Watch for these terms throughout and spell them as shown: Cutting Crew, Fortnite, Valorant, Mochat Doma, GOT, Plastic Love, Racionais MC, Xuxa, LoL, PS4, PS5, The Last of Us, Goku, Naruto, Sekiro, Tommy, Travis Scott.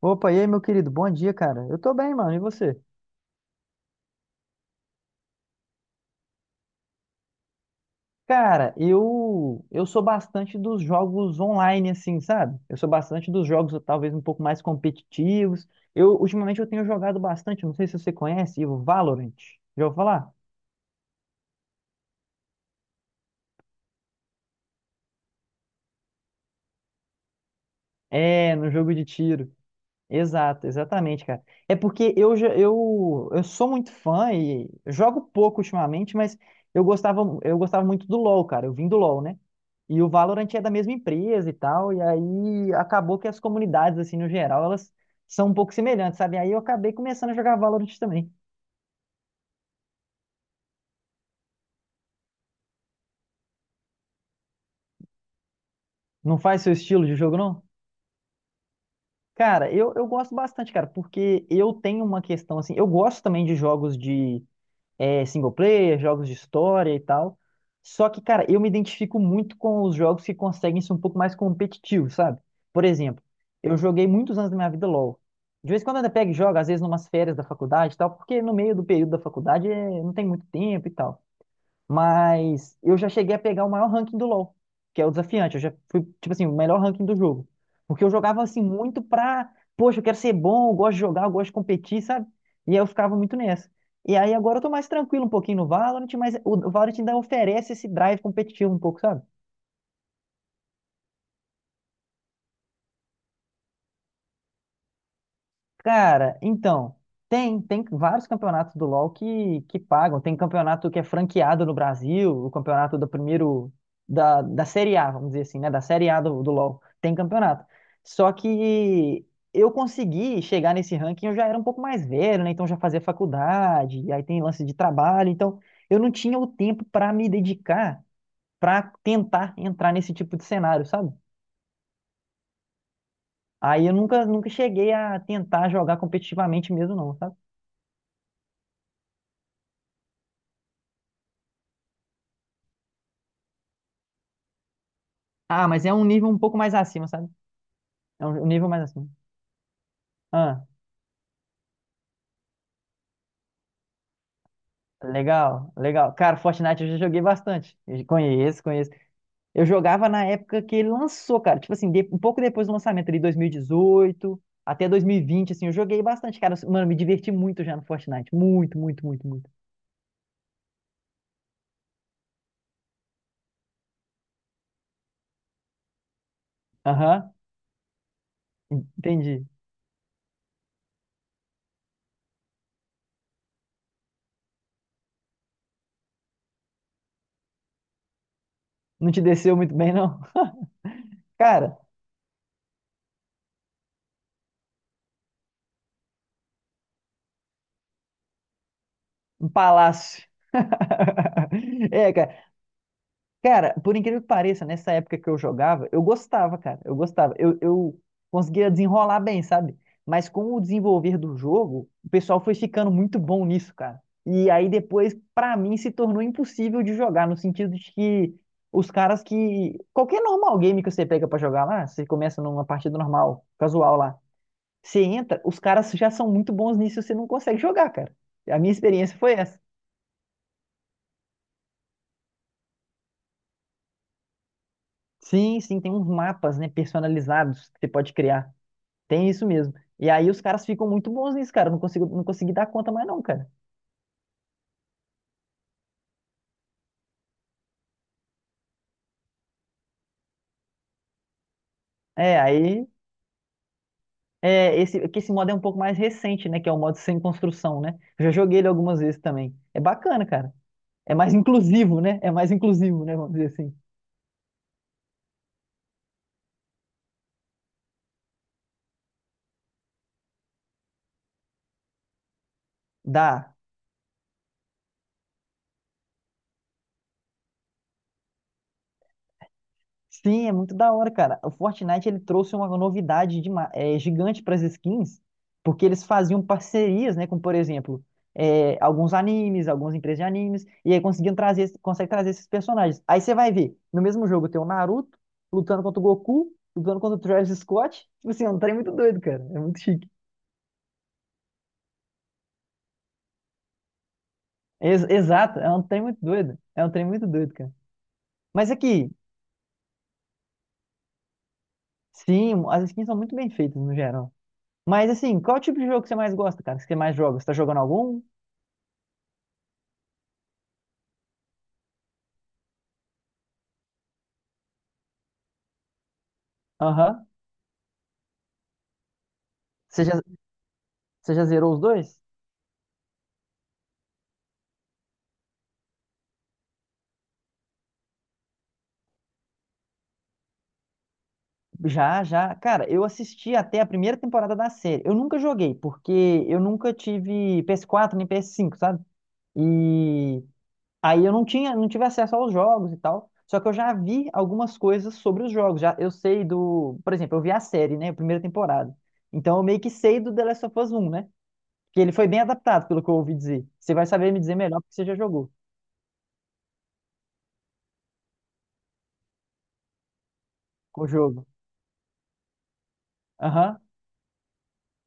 Opa, e aí, meu querido? Bom dia, cara. Eu tô bem, mano. E você? Cara, eu sou bastante dos jogos online, assim, sabe? Eu sou bastante dos jogos talvez um pouco mais competitivos. Eu ultimamente eu tenho jogado bastante, não sei se você conhece, o Valorant. Já ouviu falar? É, no jogo de tiro. Exato, exatamente, cara. É porque eu sou muito fã e eu jogo pouco ultimamente, mas eu gostava muito do LoL, cara. Eu vim do LoL, né? E o Valorant é da mesma empresa e tal, e aí acabou que as comunidades, assim, no geral, elas são um pouco semelhantes, sabe? Aí eu acabei começando a jogar Valorant também. Não faz seu estilo de jogo, não? Cara, eu gosto bastante, cara, porque eu tenho uma questão, assim, eu gosto também de jogos de single player, jogos de história e tal. Só que, cara, eu me identifico muito com os jogos que conseguem ser um pouco mais competitivos, sabe? Por exemplo, eu joguei muitos anos da minha vida LoL. De vez em quando eu ainda pego e jogo, às vezes numas férias da faculdade e tal, porque no meio do período da faculdade não tem muito tempo e tal. Mas eu já cheguei a pegar o maior ranking do LoL, que é o desafiante. Eu já fui, tipo assim, o melhor ranking do jogo. Porque eu jogava assim muito pra, poxa, eu quero ser bom, eu gosto de jogar, eu gosto de competir, sabe? E aí eu ficava muito nessa. E aí agora eu tô mais tranquilo um pouquinho no Valorant, mas o Valorant ainda oferece esse drive competitivo um pouco, sabe? Cara, então, tem vários campeonatos do LoL que pagam. Tem campeonato que é franqueado no Brasil, o campeonato do primeiro, da Série A, vamos dizer assim, né? Da Série A do LoL. Tem campeonato. Só que eu consegui chegar nesse ranking, eu já era um pouco mais velho, né? Então já fazia faculdade, e aí tem lance de trabalho. Então eu não tinha o tempo para me dedicar para tentar entrar nesse tipo de cenário, sabe? Aí eu nunca cheguei a tentar jogar competitivamente mesmo, não, sabe? Ah, mas é um nível um pouco mais acima, sabe? É um nível mais acima. Ah, legal, legal. Cara, Fortnite eu já joguei bastante. Eu conheço, conheço. Eu jogava na época que ele lançou, cara. Tipo assim, um pouco depois do lançamento, ali 2018 até 2020, assim, eu joguei bastante, cara. Mano, me diverti muito já no Fortnite. Muito, muito, muito, muito. Aham, entendi. Não te desceu muito bem, não? Cara, um palácio. É, cara. Cara, por incrível que pareça, nessa época que eu jogava, eu gostava, cara. Eu gostava. Eu conseguia desenrolar bem, sabe? Mas com o desenvolver do jogo, o pessoal foi ficando muito bom nisso, cara. E aí depois, pra mim, se tornou impossível de jogar, no sentido de que os caras que. Qualquer normal game que você pega pra jogar lá, você começa numa partida normal, casual lá. Você entra, os caras já são muito bons nisso, você não consegue jogar, cara. A minha experiência foi essa. Sim, sim, tem uns mapas, né, personalizados que você pode criar. Tem isso mesmo. E aí os caras ficam muito bons nisso, cara. Eu não consigo, não consegui dar conta mais não, cara. É, aí é esse é que esse modo é um pouco mais recente, né, que é o modo sem construção, né? Eu já joguei ele algumas vezes também. É bacana, cara. É mais inclusivo, né? É mais inclusivo, né, vamos dizer assim. Dá Sim, é muito da hora, cara. O Fortnite ele trouxe uma novidade de, gigante para as skins, porque eles faziam parcerias, né, com, por exemplo, alguns animes, algumas empresas de animes, e aí conseguiam trazer, consegue trazer esses personagens. Aí você vai ver, no mesmo jogo tem o Naruto lutando contra o Goku, lutando contra o Travis Scott. Tipo assim, é um trem muito doido, cara. É muito chique. Exato, é um trem muito doido. É um trem muito doido, cara. Mas aqui, sim, as skins são muito bem feitas no geral. Mas assim, qual é o tipo de jogo que você mais gosta, cara? Que você mais joga? Você tá jogando algum? Aham. Você já, você já zerou os dois? Já, já. Cara, eu assisti até a primeira temporada da série. Eu nunca joguei, porque eu nunca tive PS4 nem PS5, sabe? E aí eu não tinha, não tive acesso aos jogos e tal. Só que eu já vi algumas coisas sobre os jogos. Já, eu sei do, por exemplo, eu vi a série, né? A primeira temporada. Então eu meio que sei do The Last of Us 1, né? Que ele foi bem adaptado, pelo que eu ouvi dizer. Você vai saber me dizer melhor porque você já jogou o jogo. Aham.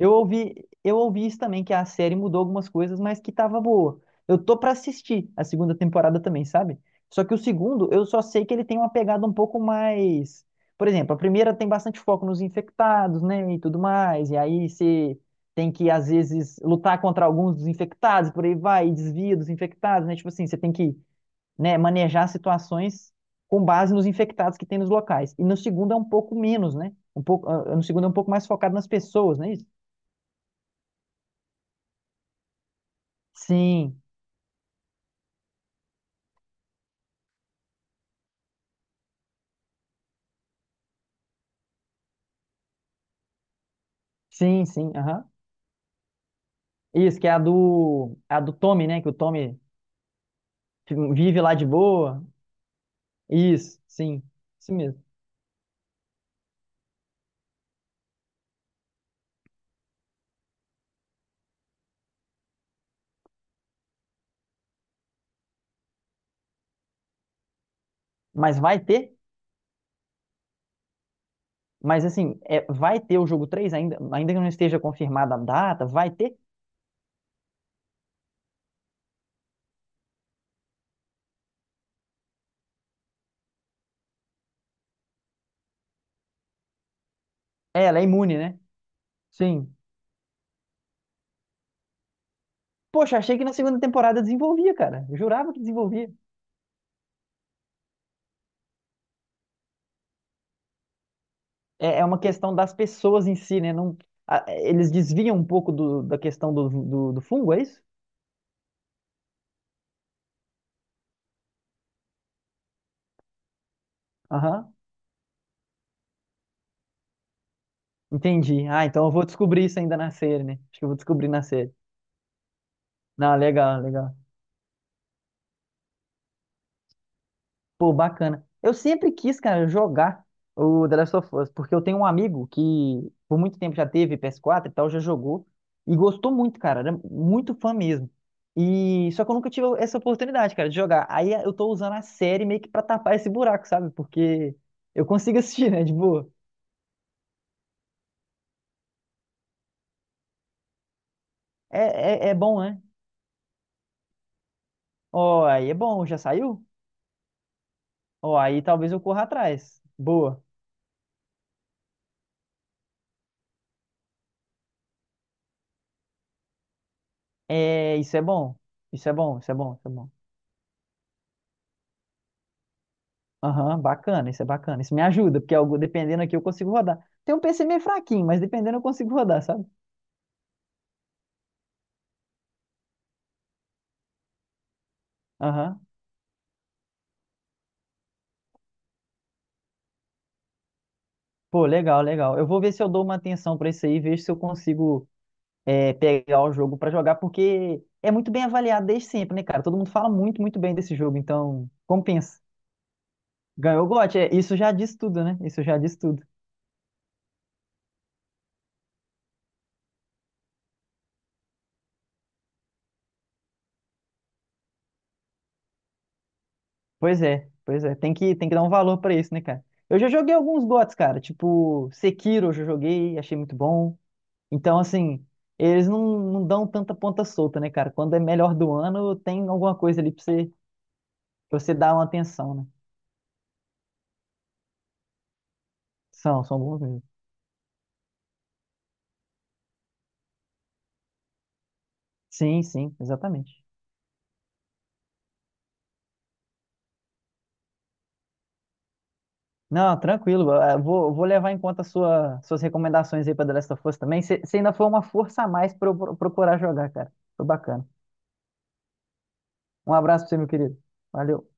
Eu ouvi, eu ouvi isso também, que a série mudou algumas coisas, mas que tava boa. Eu tô pra assistir a segunda temporada também, sabe? Só que o segundo, eu só sei que ele tem uma pegada um pouco mais. Por exemplo, a primeira tem bastante foco nos infectados, né? E tudo mais. E aí você tem que, às vezes, lutar contra alguns dos infectados, por aí vai, e desvia dos infectados, né? Tipo assim, você tem que, né, manejar situações com base nos infectados que tem nos locais. E no segundo é um pouco menos, né? Um pouco, ah, no segundo é um pouco mais focado nas pessoas, não é isso? Sim, sim, sim, aham. Isso, que é a do Tommy, né? Que o Tommy vive lá de boa. Isso, sim, isso mesmo. Mas vai ter, mas assim, é, vai ter o jogo 3 ainda, ainda que não esteja confirmada a data, vai ter. É, ela é imune, né? Sim. Poxa, achei que na segunda temporada desenvolvia, cara. Eu jurava que desenvolvia. É, é uma questão das pessoas em si, né? Não, eles desviam um pouco da questão do fungo, é isso? Aham, entendi. Ah, então eu vou descobrir isso ainda na série, né? Acho que eu vou descobrir na série. Não, legal, legal. Pô, bacana. Eu sempre quis, cara, jogar o The Last of Us, porque eu tenho um amigo que por muito tempo já teve PS4 e tal, já jogou e gostou muito, cara, era muito fã mesmo. E só que eu nunca tive essa oportunidade, cara, de jogar. Aí eu tô usando a série meio que pra tapar esse buraco, sabe? Porque eu consigo assistir, né, de boa. É bom, né? Ó, aí é bom, já saiu? Ó, aí talvez eu corra atrás. Boa. É, isso é bom. Isso é bom, isso é bom, isso é bom. Aham, bacana, isso é bacana. Isso me ajuda, porque algo, dependendo aqui eu consigo rodar. Tem um PC meio fraquinho, mas dependendo eu consigo rodar, sabe? Aham. Pô, legal, legal. Eu vou ver se eu dou uma atenção pra isso aí, vejo se eu consigo pegar o jogo pra jogar, porque é muito bem avaliado desde sempre, né, cara? Todo mundo fala muito, muito bem desse jogo, então compensa. Ganhou o GOT, é, isso já diz tudo, né? Isso já diz tudo. Pois é, pois é. Tem que dar um valor pra isso, né, cara? Eu já joguei alguns GOTs, cara. Tipo, Sekiro eu já joguei, achei muito bom. Então, assim, eles não, não dão tanta ponta solta, né, cara? Quando é melhor do ano, tem alguma coisa ali pra você dar uma atenção, né? São, são bons mesmo. Sim, sim, exatamente. Não, tranquilo. Vou levar em conta a suas recomendações aí para The Last of Us também. Você ainda foi uma força a mais para eu procurar jogar, cara. Foi bacana. Um abraço para você, meu querido. Valeu.